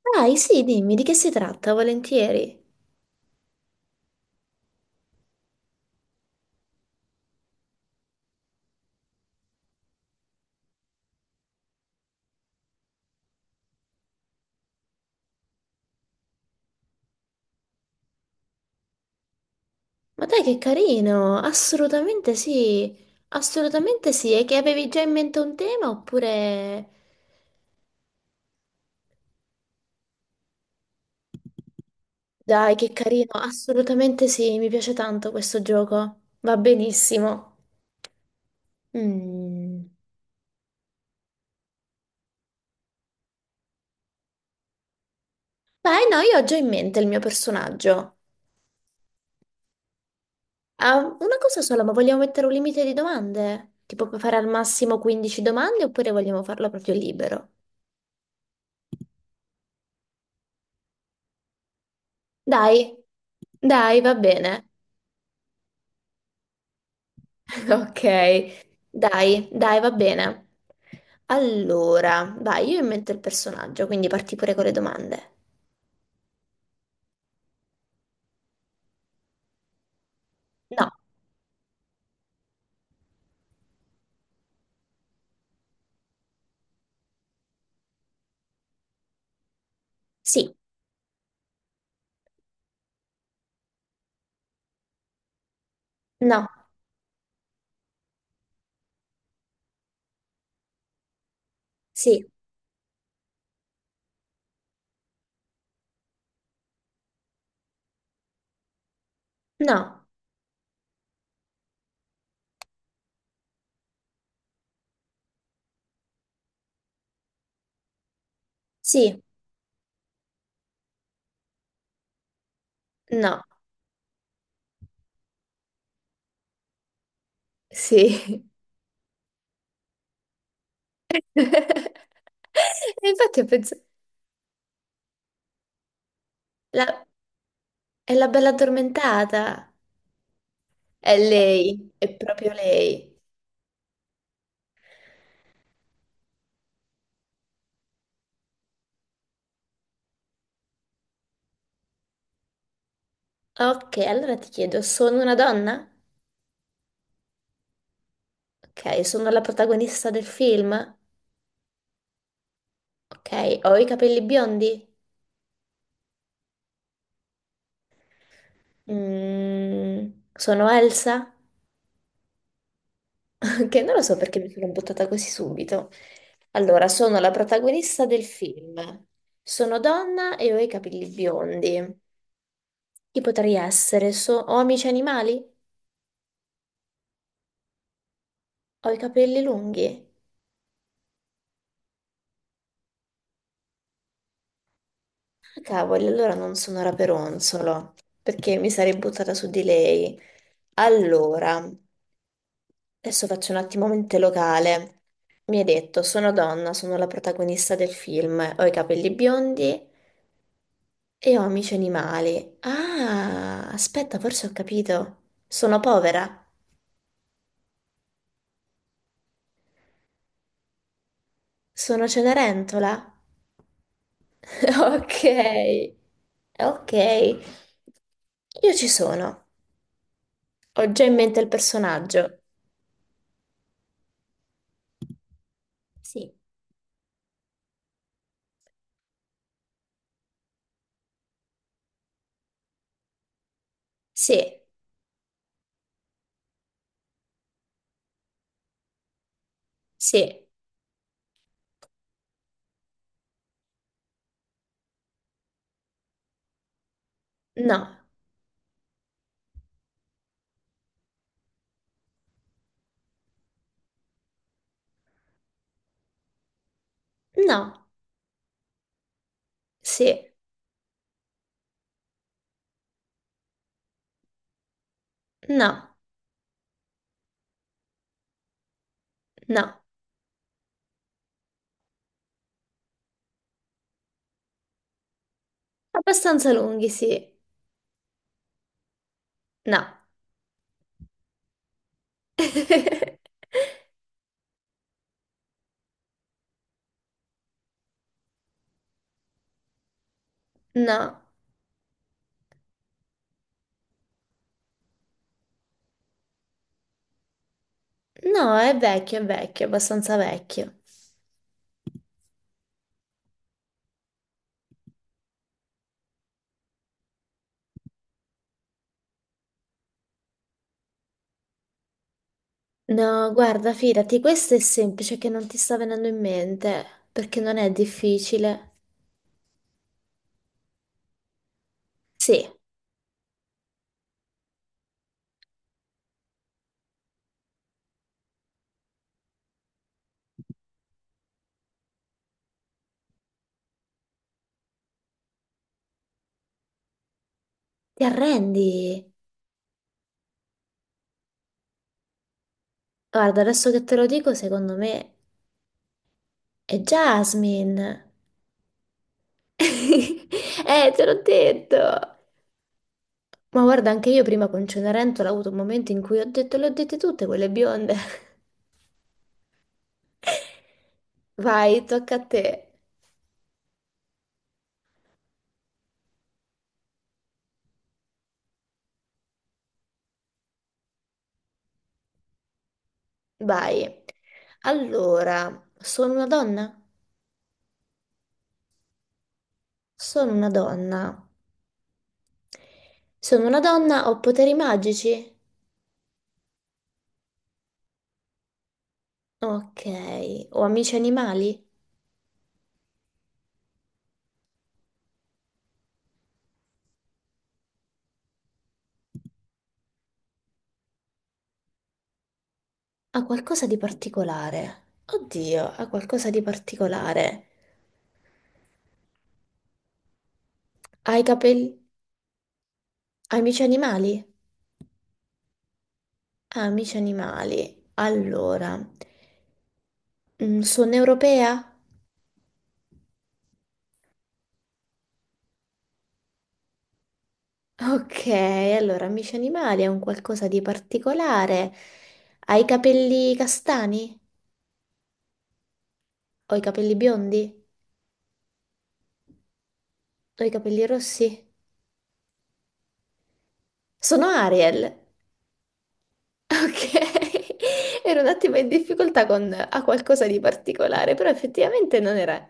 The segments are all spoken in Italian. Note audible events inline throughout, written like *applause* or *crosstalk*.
Dai, sì, dimmi di che si tratta, volentieri. Ma dai, che carino! Assolutamente sì, assolutamente sì. E che avevi già in mente un tema oppure... Dai, che carino, assolutamente sì, mi piace tanto questo gioco. Va benissimo. Mm. Beh, no, io ho già in mente il mio personaggio. Ah, una cosa sola, ma vogliamo mettere un limite di domande? Tipo puoi fare al massimo 15 domande oppure vogliamo farlo proprio libero? Dai, dai, va bene. Ok, dai, dai, va bene. Allora, vai, io invento il personaggio, quindi parti pure con le domande. No, sì, no, sì, no, sì, no, sì. *laughs* E infatti ho pensato, la- è la bella addormentata, è lei, è proprio lei. Ok, allora ti chiedo, sono una donna? Ok, sono la protagonista del film? Ok, ho i capelli biondi? Mm, sono Elsa, *laughs* che non lo so perché mi sono buttata così subito. Allora, sono la protagonista del film. Sono donna e ho i capelli biondi. Chi potrei essere? Ho amici animali? Ho i capelli lunghi? Ah, cavoli, allora non sono Raperonzolo, perché mi sarei buttata su di lei. Allora, adesso faccio un attimo mente locale. Mi hai detto, sono donna, sono la protagonista del film, ho i capelli biondi. E ho amici animali. Ah, aspetta, forse ho capito. Sono povera. Sono Cenerentola. *laughs* Ok, ok. Io ci sono. Ho già in mente il personaggio. Sì. Sì, sì, no, no, sì, no, no. Abbastanza lunghi, sì, no. *laughs* No, no, è vecchio, abbastanza vecchio. No, guarda, fidati, questo è semplice che non ti sta venendo in mente, perché non è difficile. Sì, ti arrendi. Guarda, adesso che te lo dico, secondo me è Jasmine. *laughs* Te l'ho detto. Ma guarda, anche io prima con Cenerentola ho avuto un momento in cui ho detto, le ho dette tutte quelle bionde. *laughs* Vai, tocca a te. Vai. Allora, sono una donna? Sono una donna. Sono una donna, ho poteri magici? Ok, o amici animali? Ha qualcosa di particolare. Oddio, ha qualcosa di particolare. Ha i capelli... Ha amici animali? Ha amici animali. Allora, mm, sono europea? Ok, allora, amici animali è un qualcosa di particolare. Ha i capelli castani? Ho i capelli biondi? Ho i capelli rossi? Sono Ariel. Ok, *laughs* ero un attimo in difficoltà con a qualcosa di particolare, però effettivamente non era.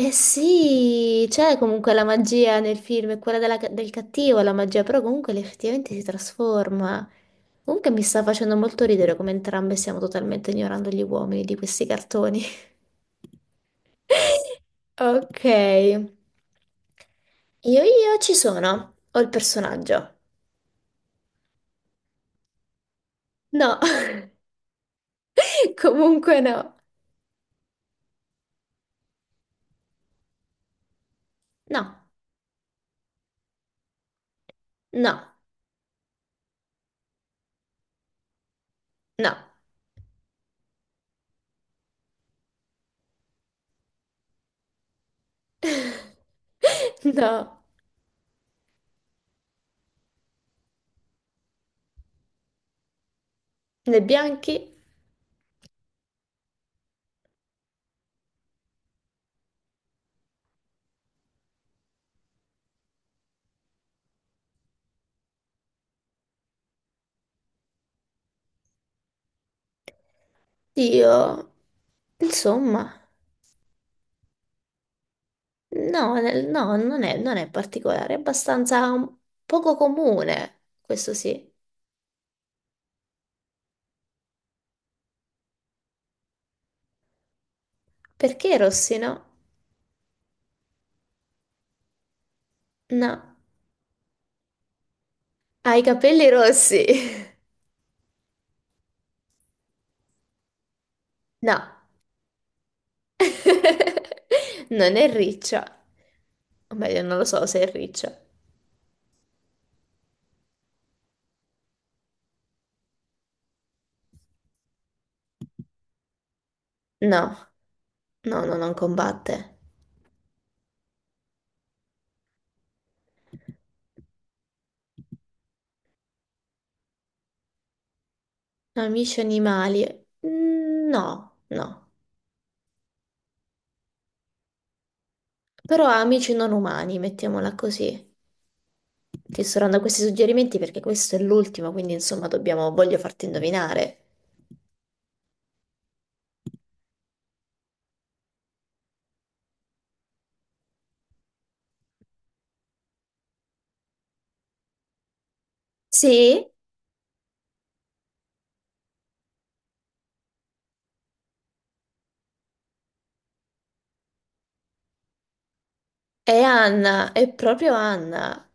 Eh sì, c'è comunque la magia nel film, è quella del cattivo, la magia, però comunque lei effettivamente si trasforma. Comunque mi sta facendo molto ridere come entrambe stiamo totalmente ignorando gli uomini di questi cartoni. *laughs* Ok, io ci sono, ho il personaggio. No, *laughs* comunque no. No, no, no, no. Le bianchi? Dio, insomma, no, no, non è particolare, è abbastanza poco comune, questo sì. Perché rossi, no? No, ha i capelli rossi. *laughs* No, *laughs* non è riccia, o meglio, non lo so se è riccia. No, no, no, non combatte. Amici animali? Mm, no, no, però ha amici non umani, mettiamola così. Ti sto dando questi suggerimenti perché questo è l'ultimo, quindi insomma dobbiamo, voglio farti indovinare. Sì, è Anna, è proprio Anna.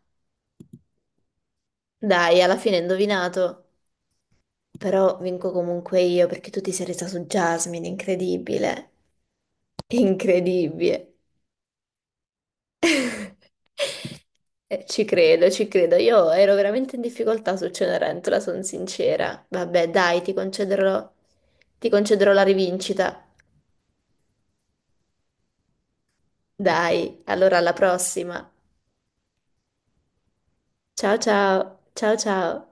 Dai, alla fine hai indovinato. Però vinco comunque io perché tu ti sei resa su Jasmine, incredibile. Incredibile. *laughs* Ci credo, ci credo. Io ero veramente in difficoltà su Cenerentola, sono sincera. Vabbè, dai, ti concederò la rivincita. Dai, allora alla prossima. Ciao ciao, ciao ciao.